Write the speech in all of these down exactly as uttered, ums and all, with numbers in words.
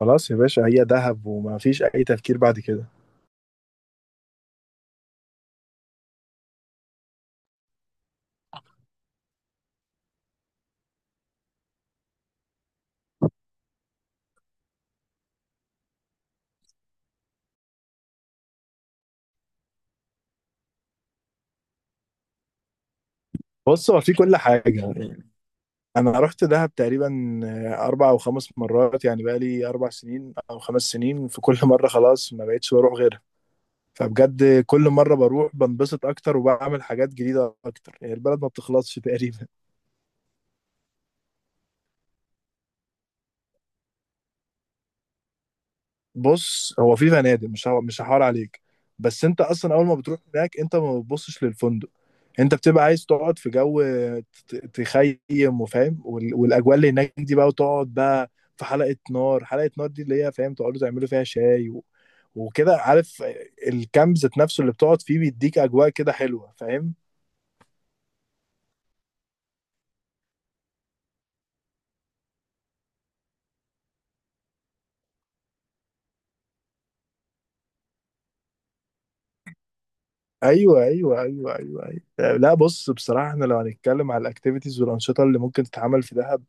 خلاص يا باشا، هي دهب وما فيش اي تفكير بعد كده. بص، هو في كل حاجه يعني. انا رحت دهب تقريبا آه، اربع او خمس مرات، يعني بقى لي اربع سنين او خمس سنين. في كل مره خلاص ما بقتش بروح غيرها. فبجد كل مره بروح بنبسط اكتر وبعمل حاجات جديده اكتر، يعني البلد ما بتخلصش تقريبا. بص، هو في فنادق، مش هو مش هحاول عليك. بس انت اصلا اول ما بتروح هناك، انت ما بتبصش للفندق. انت بتبقى عايز تقعد في جو، ت- تخيم وفاهم، وال- والاجواء اللي هناك دي بقى، وتقعد بقى في حلقة نار. حلقة نار دي اللي هي فاهم تقعدوا تعملوا فيها شاي و... وكده، عارف. الكامب ذات نفسه اللي بتقعد فيه بيديك اجواء كده حلوة، فاهم. ايوه، ايوه، ايوه، ايوه، ايوه. لا، بص، بصراحة احنا لو هنتكلم على الاكتيفيتيز والانشطة اللي ممكن تتعمل في دهب،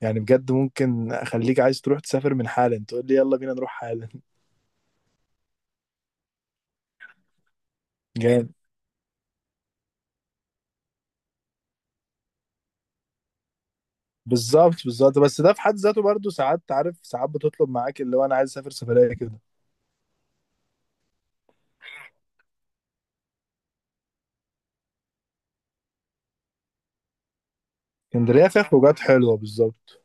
يعني بجد ممكن اخليك عايز تروح تسافر من حالا، تقول لي يلا بينا نروح حالا. جامد. بالظبط، بالظبط، بس ده في حد ذاته برضه ساعات، عارف، ساعات بتطلب معاك اللي هو انا عايز اسافر سفريه كده. اسكندريه فيها خروجات حلوه، بالظبط.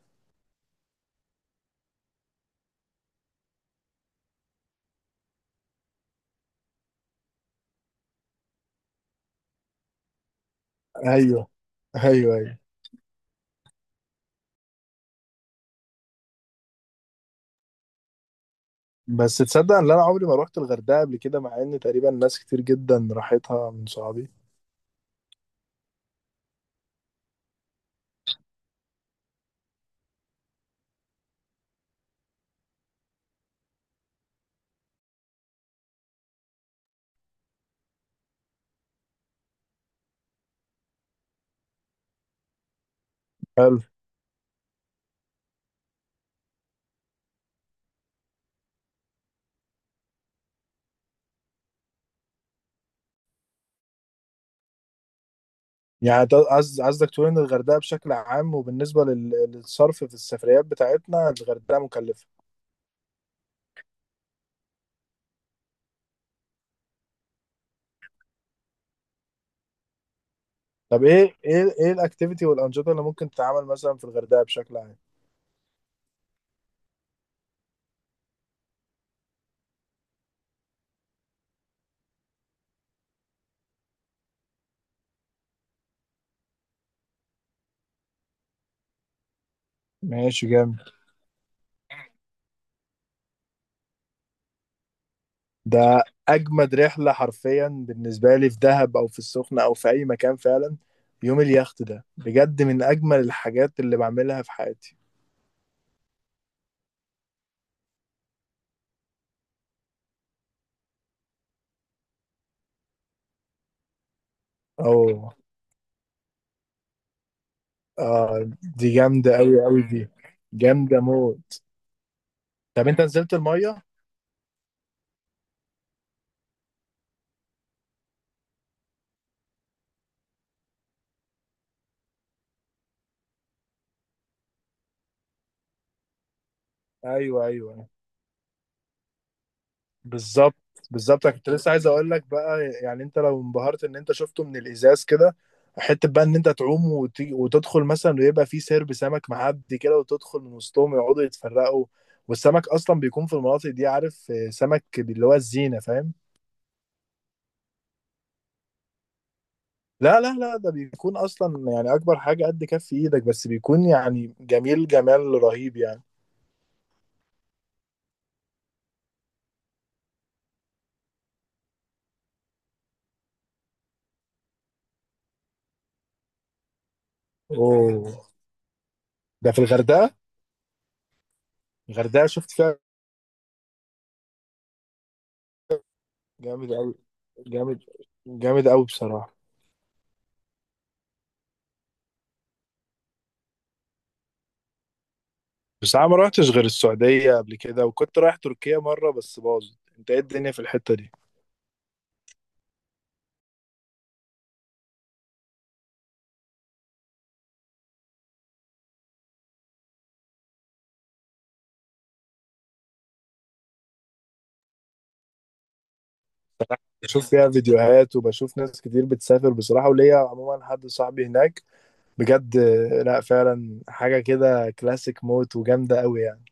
ايوه، ايوه، ايوه. بس تصدق ان انا عمري ما روحت الغردقه قبل كده، مع ان تقريبا ناس كتير جدا راحتها من صحابي. حلو. يعني ت- قصد- قصدك تقول ان الغردقه بشكل عام وبالنسبه لل- للصرف في السفريات بتاعتنا الغردقه مكلفه. طب ايه ايه ايه الاكتيفيتي والانشطه اللي ممكن تتعمل مثلا في الغردقه بشكل عام؟ ماشي، جامد. ده اجمد رحله حرفيا بالنسبه لي، في دهب او في السخنه او في اي مكان، فعلا يوم اليخت ده بجد من اجمل الحاجات اللي بعملها في حياتي. او، آه، دي جامده قوي قوي دي، جامده موت. طب انت نزلت الميه؟ ايوه، ايوه، بالظبط، بالظبط. انا كنت لسه عايز اقول لك بقى، يعني انت لو انبهرت ان انت شفته من الازاز كده، حته بقى ان انت تعوم وت- وتدخل مثلا، ويبقى في سرب سمك معدي كده وتدخل من وسطهم، يقعدوا يتفرقوا. والسمك اصلا بيكون في المناطق دي، عارف، آه، سمك اللي هو الزينه، فاهم. لا، لا، لا، ده بيكون اصلا يعني اكبر حاجه قد كف ايدك، بس بيكون يعني جميل جمال رهيب يعني. اوه، ده في الغردقه؟ الغردقه شفت فيها. جامد قوي. جامد. جامد قوي بصراحه. بس انا ما رحتش غير السعودية قبل كده، وكنت رايح تركيا مرة بس باظت. انت ايه الدنيا في الحتة دي؟ بشوف فيها فيديوهات وبشوف ناس كتير بتسافر بصراحة، وليا عموما حد صاحبي هناك، بجد. لا، فعلا حاجة كده كلاسيك موت وجامدة قوي يعني.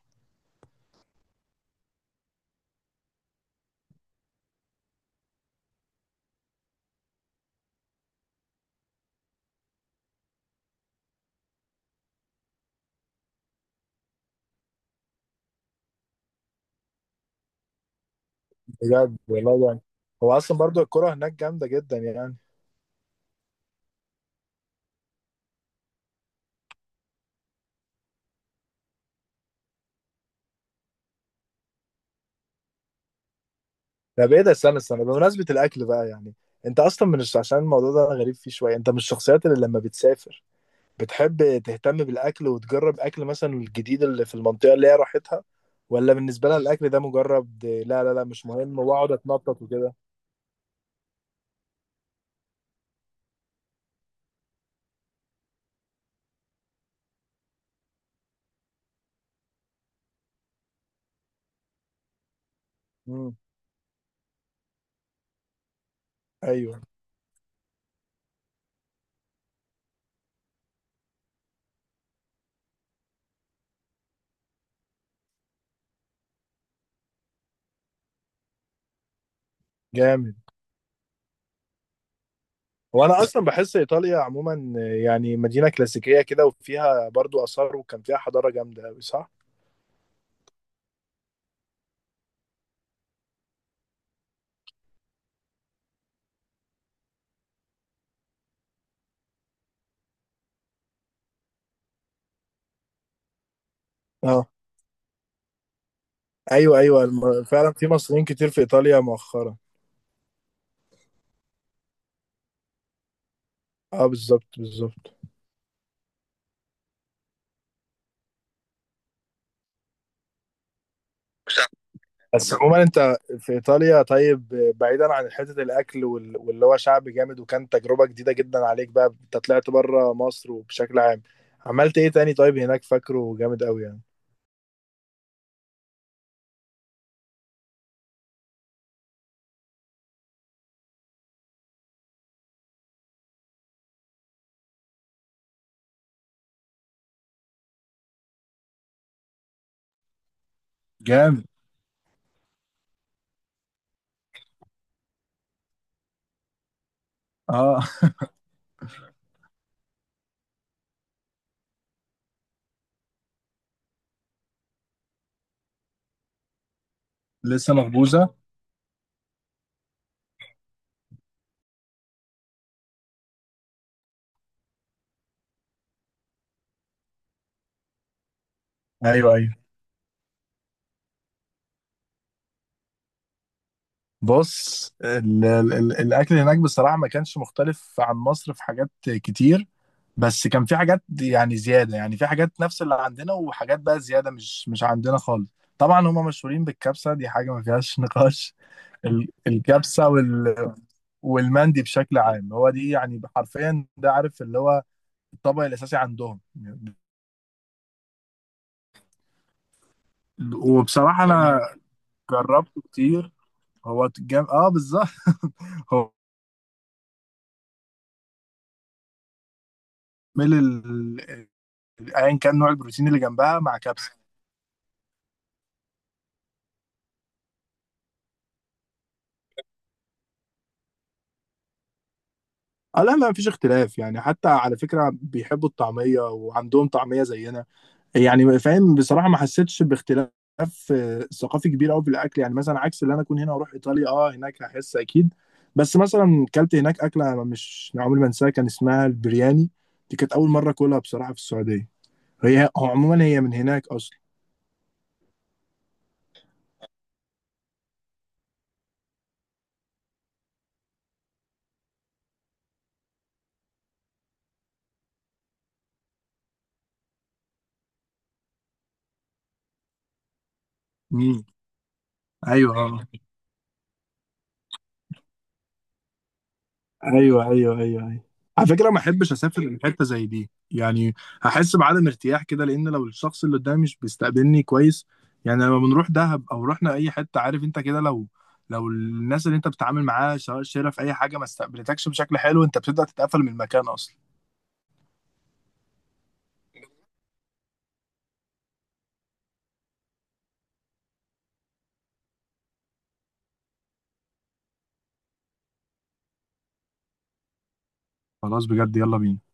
بجد والله، يعني هو اصلا برضو الكرة هناك جامدة جدا يعني. طب ايه ده، استنى استنى، بمناسبة الاكل بقى، يعني انت اصلا من الش- عشان الموضوع ده انا غريب فيه شوية، انت من الشخصيات اللي لما بتسافر بتحب تهتم بالأكل وتجرب أكل مثلا الجديد اللي في المنطقة اللي هي راحتها، ولا بالنسبة لها الأكل ده مجرد، لا، لا، لا، مش مهم، وأقعد أتنطط وكده؟ امم. أيوه، جامد. وأنا أصلا بحس إيطاليا عموما يعني مدينة كلاسيكية كده، وفيها برضو آثار وكان فيها حضارة جامدة أوي، صح؟ اه، ايوه، ايوه، الم- فعلا في مصريين كتير في ايطاليا مؤخرا. اه، بالظبط، بالظبط. بس عموما انت في ايطاليا، طيب، بعيدا عن حته الاكل وال- واللي هو شعب جامد وكان تجربه جديده جدا عليك، بقى انت طلعت بره مصر وبشكل عام، عملت ايه تاني طيب هناك فاكره جامد قوي يعني؟ جامد، اه. لسه مخبوزه. ايوه، ايوه. بص ال ال ال الاكل هناك بصراحه ما كانش مختلف عن مصر في حاجات كتير. بس كان في حاجات يعني زياده، يعني في حاجات نفس اللي عندنا، وحاجات بقى زياده مش مش عندنا خالص. طبعا هم مشهورين بالكبسه، دي حاجه ما فيهاش نقاش. ال- الكبسه وال والمندي بشكل عام، هو دي يعني حرفيا، ده عارف اللي هو الطبق الاساسي عندهم. وبصراحه انا جربته كتير. هو جام... اه، بالظبط. هو مل ايا كان نوع البروتين اللي جنبها مع كبسه. اه، لا، لا، مفيش اختلاف، يعني حتى على فكرة بيحبوا الطعمية وعندهم طعمية زينا، يعني فاهم بصراحة ما حسيتش باختلاف آه، ثقافي كبير قوي في الاكل، يعني مثلا عكس اللي انا اكون هنا واروح ايطاليا اه هناك هحس اكيد. بس مثلا كلت هناك اكله أنا مش عمري ما انساها، كان اسمها البرياني. دي كانت اول مره اكلها بصراحه، في السعوديه. هي هو عموما هي من هناك اصلا. امم. ايوه، ايوه، ايوه، ايوه، ايوه. على فكره ما احبش اسافر لحته زي دي يعني، هحس بعدم ارتياح كده. لان لو الشخص اللي قدامي مش بيستقبلني كويس، يعني لما بنروح دهب او رحنا اي حته، عارف انت كده، لو لو الناس اللي انت بتتعامل معاها سواء شرف اي حاجه ما استقبلتكش بشكل حلو، انت بتبدا تتقفل من المكان اصلا. خلاص بجد، يلا بينا.